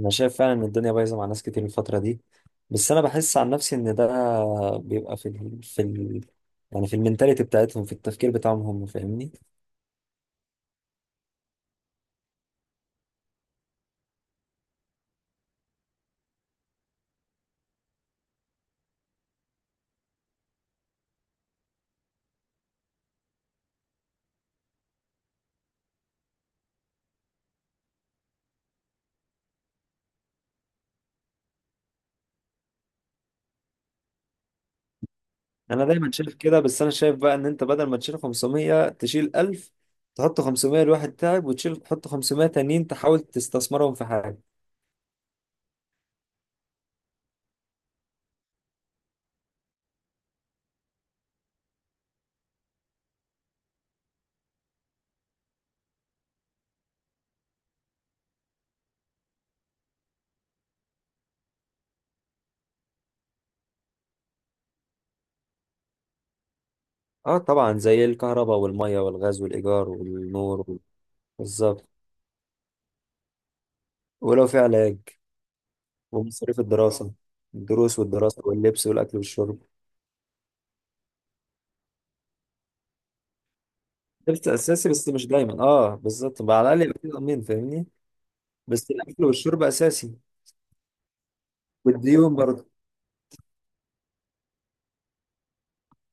انا شايف فعلا ان الدنيا بايظه مع ناس كتير الفتره دي. بس انا بحس عن نفسي ان ده بيبقى يعني في المينتاليتي بتاعتهم، في التفكير بتاعهم، هم فاهمني. انا دايما شايف كده، بس انا شايف بقى ان انت بدل ما تشيل 500 تشيل 1000، تحط 500 لواحد تعب، وتشيل تحط 500 تانيين تحاول تستثمرهم في حاجه. اه طبعا، زي الكهرباء والميه والغاز والايجار والنور بالظبط. ولو في علاج ومصاريف الدراسه، الدروس والدراسه واللبس والاكل والشرب. لبس اساسي بس مش دايما، اه بالظبط بقى، على الاقل يبقى في ضمان فاهمني. بس الاكل والشرب اساسي. والديون برضه.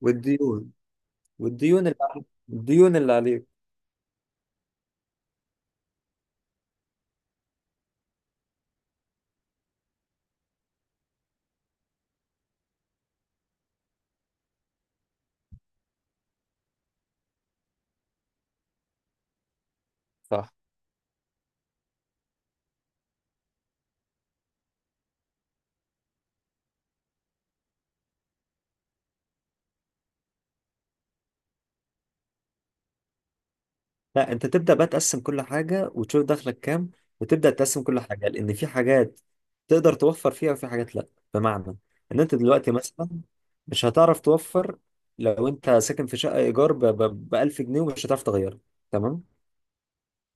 والديون. والديون اللي عليك الديون اللي عليك صح. لا، انت تبدا بقى تقسم كل حاجه وتشوف دخلك كام، وتبدا تقسم كل حاجه لان في حاجات تقدر توفر فيها وفي حاجات لا. بمعنى ان انت دلوقتي مثلا مش هتعرف توفر. لو انت ساكن في شقه ايجار ب 1000 جنيه ومش هتعرف تغيرها، تمام.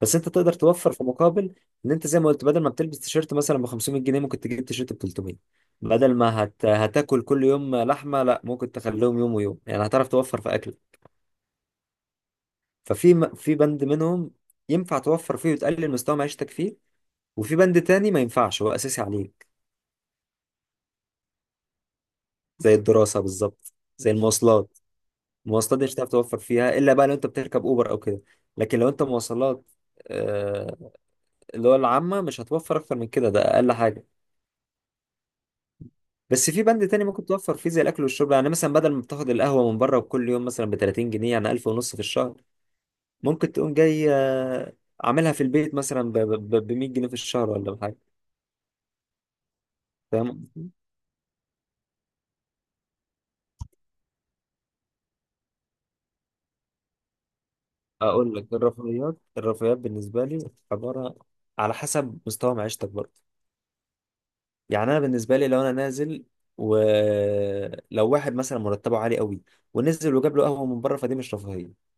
بس انت تقدر توفر في مقابل. ان انت زي ما قلت، بدل ما بتلبس تيشيرت مثلا ب 500 جنيه ممكن تجيب تيشيرت ب 300. بدل ما هتاكل كل يوم لحمه، لا، ممكن تخليهم يوم ويوم، يعني هتعرف توفر في اكل. في بند منهم ينفع توفر فيه وتقلل مستوى معيشتك فيه، وفي بند تاني ما ينفعش، هو اساسي عليك. زي الدراسه بالظبط، زي المواصلات. المواصلات دي مش هتعرف توفر فيها الا بقى لو انت بتركب اوبر او كده. لكن لو انت مواصلات، آه، اللي هو العامه، مش هتوفر اكتر من كده، ده اقل حاجه. بس في بند تاني ممكن توفر فيه زي الاكل والشرب. يعني مثلا بدل ما بتاخد القهوه من بره كل يوم مثلا ب 30 جنيه، يعني 1000 ونص في الشهر، ممكن تقوم جاي عاملها في البيت مثلا ب 100 جنيه في الشهر ولا بحاجه. فاهم قصدي؟ اقول لك، الرفاهيات. الرفاهيات بالنسبه لي، عباره، على حسب مستوى معيشتك برضه. يعني انا بالنسبه لي لو انا نازل، ولو واحد مثلا مرتبه عالي قوي ونزل وجاب له قهوه من بره، فدي مش رفاهيه.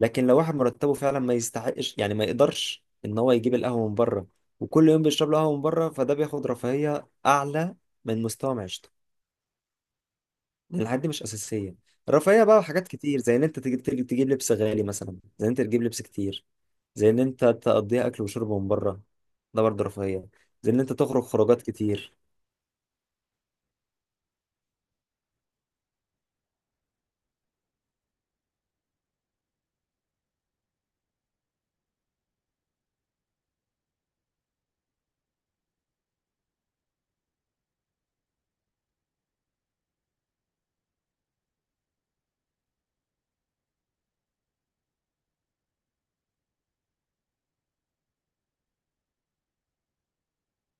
لكن لو واحد مرتبه فعلا ما يستحقش، يعني ما يقدرش ان هو يجيب القهوه من بره، وكل يوم بيشرب له قهوه من بره، فده بياخد رفاهيه اعلى من مستوى معيشته. لان الحاجات دي مش اساسيه. الرفاهيه بقى حاجات كتير، زي ان انت تجيب لبس غالي مثلا، زي ان انت تجيب لبس كتير، زي ان انت تقضيها اكل وشرب من بره، ده برضه رفاهيه. زي ان انت تخرج خروجات كتير.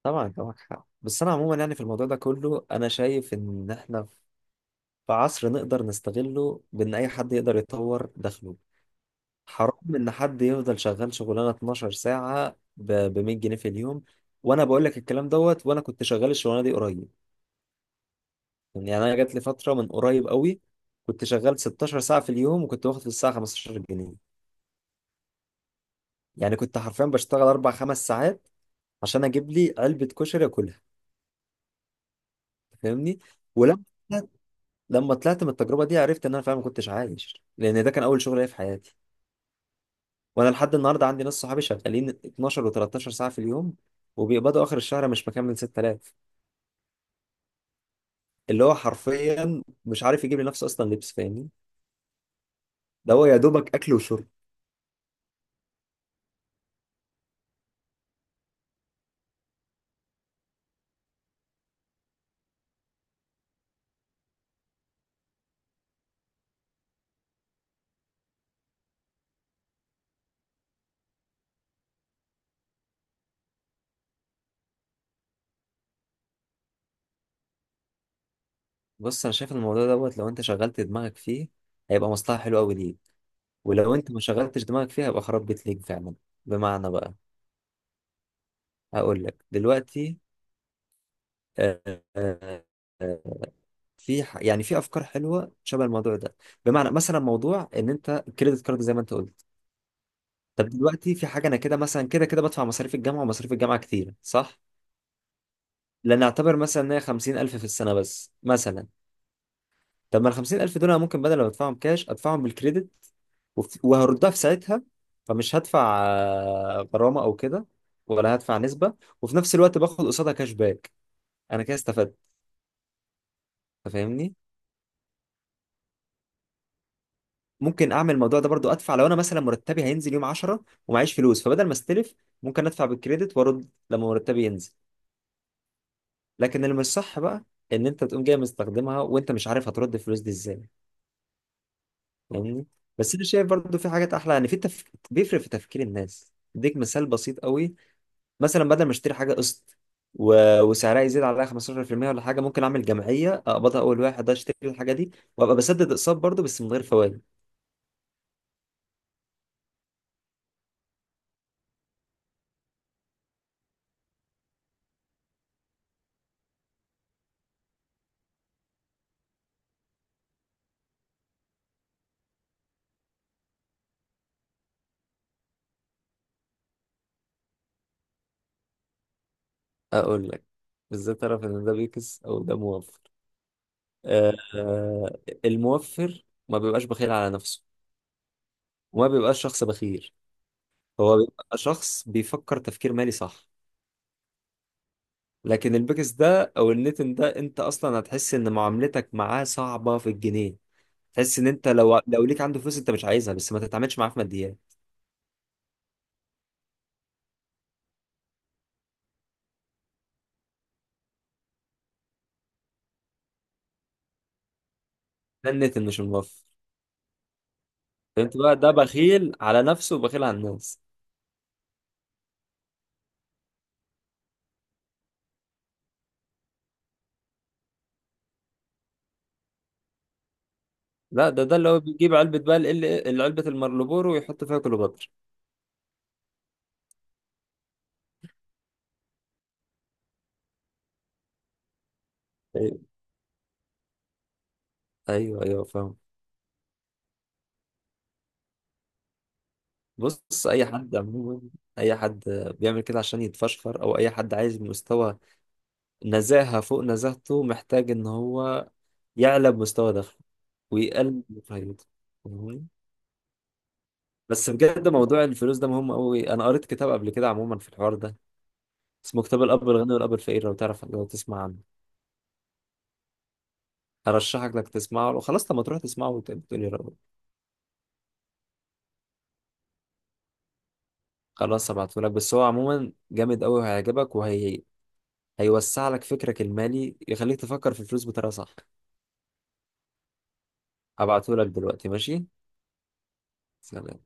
طبعا انت معاك حق، بس انا عموما يعني في الموضوع ده كله، انا شايف ان احنا في عصر نقدر نستغله بان اي حد يقدر يطور دخله. حرام ان حد يفضل شغال شغلانه 12 ساعه ب 100 جنيه في اليوم. وانا بقول لك الكلام دوت وانا كنت شغال الشغلانه دي قريب، يعني انا جات لي فتره من قريب قوي كنت شغال 16 ساعه في اليوم وكنت باخد في الساعه 15 جنيه. يعني كنت حرفيا بشتغل اربع خمس ساعات عشان اجيب لي علبه كشري اكلها. فاهمني؟ ولما طلعت- لما طلعت من التجربه دي عرفت ان انا فعلا ما كنتش عايش، لان ده كان اول شغل ليا في حياتي. وانا لحد النهارده عندي ناس صحابي شغالين 12 و13 ساعه في اليوم وبيقبضوا اخر الشهر مش مكمل 6000. اللي هو حرفيا مش عارف يجيب لنفسه اصلا لبس، فاهمني؟ ده هو يا دوبك اكل وشرب. بص انا شايف إن الموضوع دوت لو انت شغلت دماغك فيه هيبقى مصلحه حلوه قوي ليك. ولو انت ما شغلتش دماغك فيه هيبقى خراب بيت ليك فعلا. بمعنى بقى، هقول لك دلوقتي. آه، آه، آه، يعني في افكار حلوه شبه الموضوع ده. بمعنى مثلا موضوع ان انت الكريدت كارد زي ما انت قلت. طب دلوقتي في حاجه، انا كده مثلا كده كده بدفع مصاريف الجامعه، ومصاريف الجامعه كتير صح. لنعتبر مثلا ان هي 50000 في السنه بس مثلا. طب ما ال 50000 دول انا ممكن بدل ما ادفعهم كاش ادفعهم بالكريدت، وهردها في ساعتها. فمش هدفع غرامه او كده، ولا هدفع نسبه، وفي نفس الوقت باخد قصادها كاش باك. انا كده استفدت، أنت فاهمني. ممكن اعمل الموضوع ده برضو، ادفع لو انا مثلا مرتبي هينزل يوم 10 ومعيش فلوس، فبدل ما استلف، ممكن ادفع بالكريدت وارد لما مرتبي ينزل. لكن اللي مش صح بقى ان انت تقوم جاي مستخدمها وانت مش عارف هترد الفلوس دي ازاي، فاهمني؟ بس انا شايف برضو في حاجات احلى. يعني بيفرق في تفكير الناس. اديك مثال بسيط قوي، مثلا بدل ما اشتري حاجه قسط وسعرها يزيد عليها 15% ولا حاجه، ممكن اعمل جمعيه اقبضها اول واحد ده، اشتري الحاجه دي وابقى بسدد اقساط برضه بس من غير فوائد. اقول لك، ازاي تعرف ان ده بيكس او ده موفر. آه آه، الموفر ما بيبقاش بخيل على نفسه، وما بيبقاش شخص بخيل. هو بيبقى شخص بيفكر تفكير مالي صح. لكن البيكس ده او النتن ده، انت اصلا هتحس ان معاملتك معاه صعبة في الجنيه. تحس ان انت لو ليك عنده فلوس انت مش عايزها، بس ما تتعاملش معاه في ماديات. ده النت اللي مش موفر. فهمت بقى؟ ده بخيل على نفسه وبخيل على الناس. لا، ده اللي هو بيجيب علبة بقى علبة المارلبورو ويحط فيها كليوباترا. ايوه، ايوه، أيوة، فاهم. بص، اي حد عموما، اي حد بيعمل كده عشان يتفشخر، او اي حد عايز مستوى نزاهة فوق نزاهته، محتاج ان هو يعلى بمستوى دخله ويقلل من رفاهيته. فاهمني؟ بس بجد موضوع الفلوس ده مهم قوي. انا قريت كتاب قبل كده عموما في الحوار ده، اسمه كتاب الاب الغني والاب الفقير، لو تعرف، لو تسمع عنه. ارشحك انك تسمعه. لو خلاص لما تروح تسمعه وتقولي رايك. خلاص هبعتهولك. بس هو عموما جامد قوي وهيعجبك، هيوسع لك فكرك المالي، يخليك تفكر في الفلوس بطريقه صح. هبعتهولك دلوقتي. ماشي. سلام.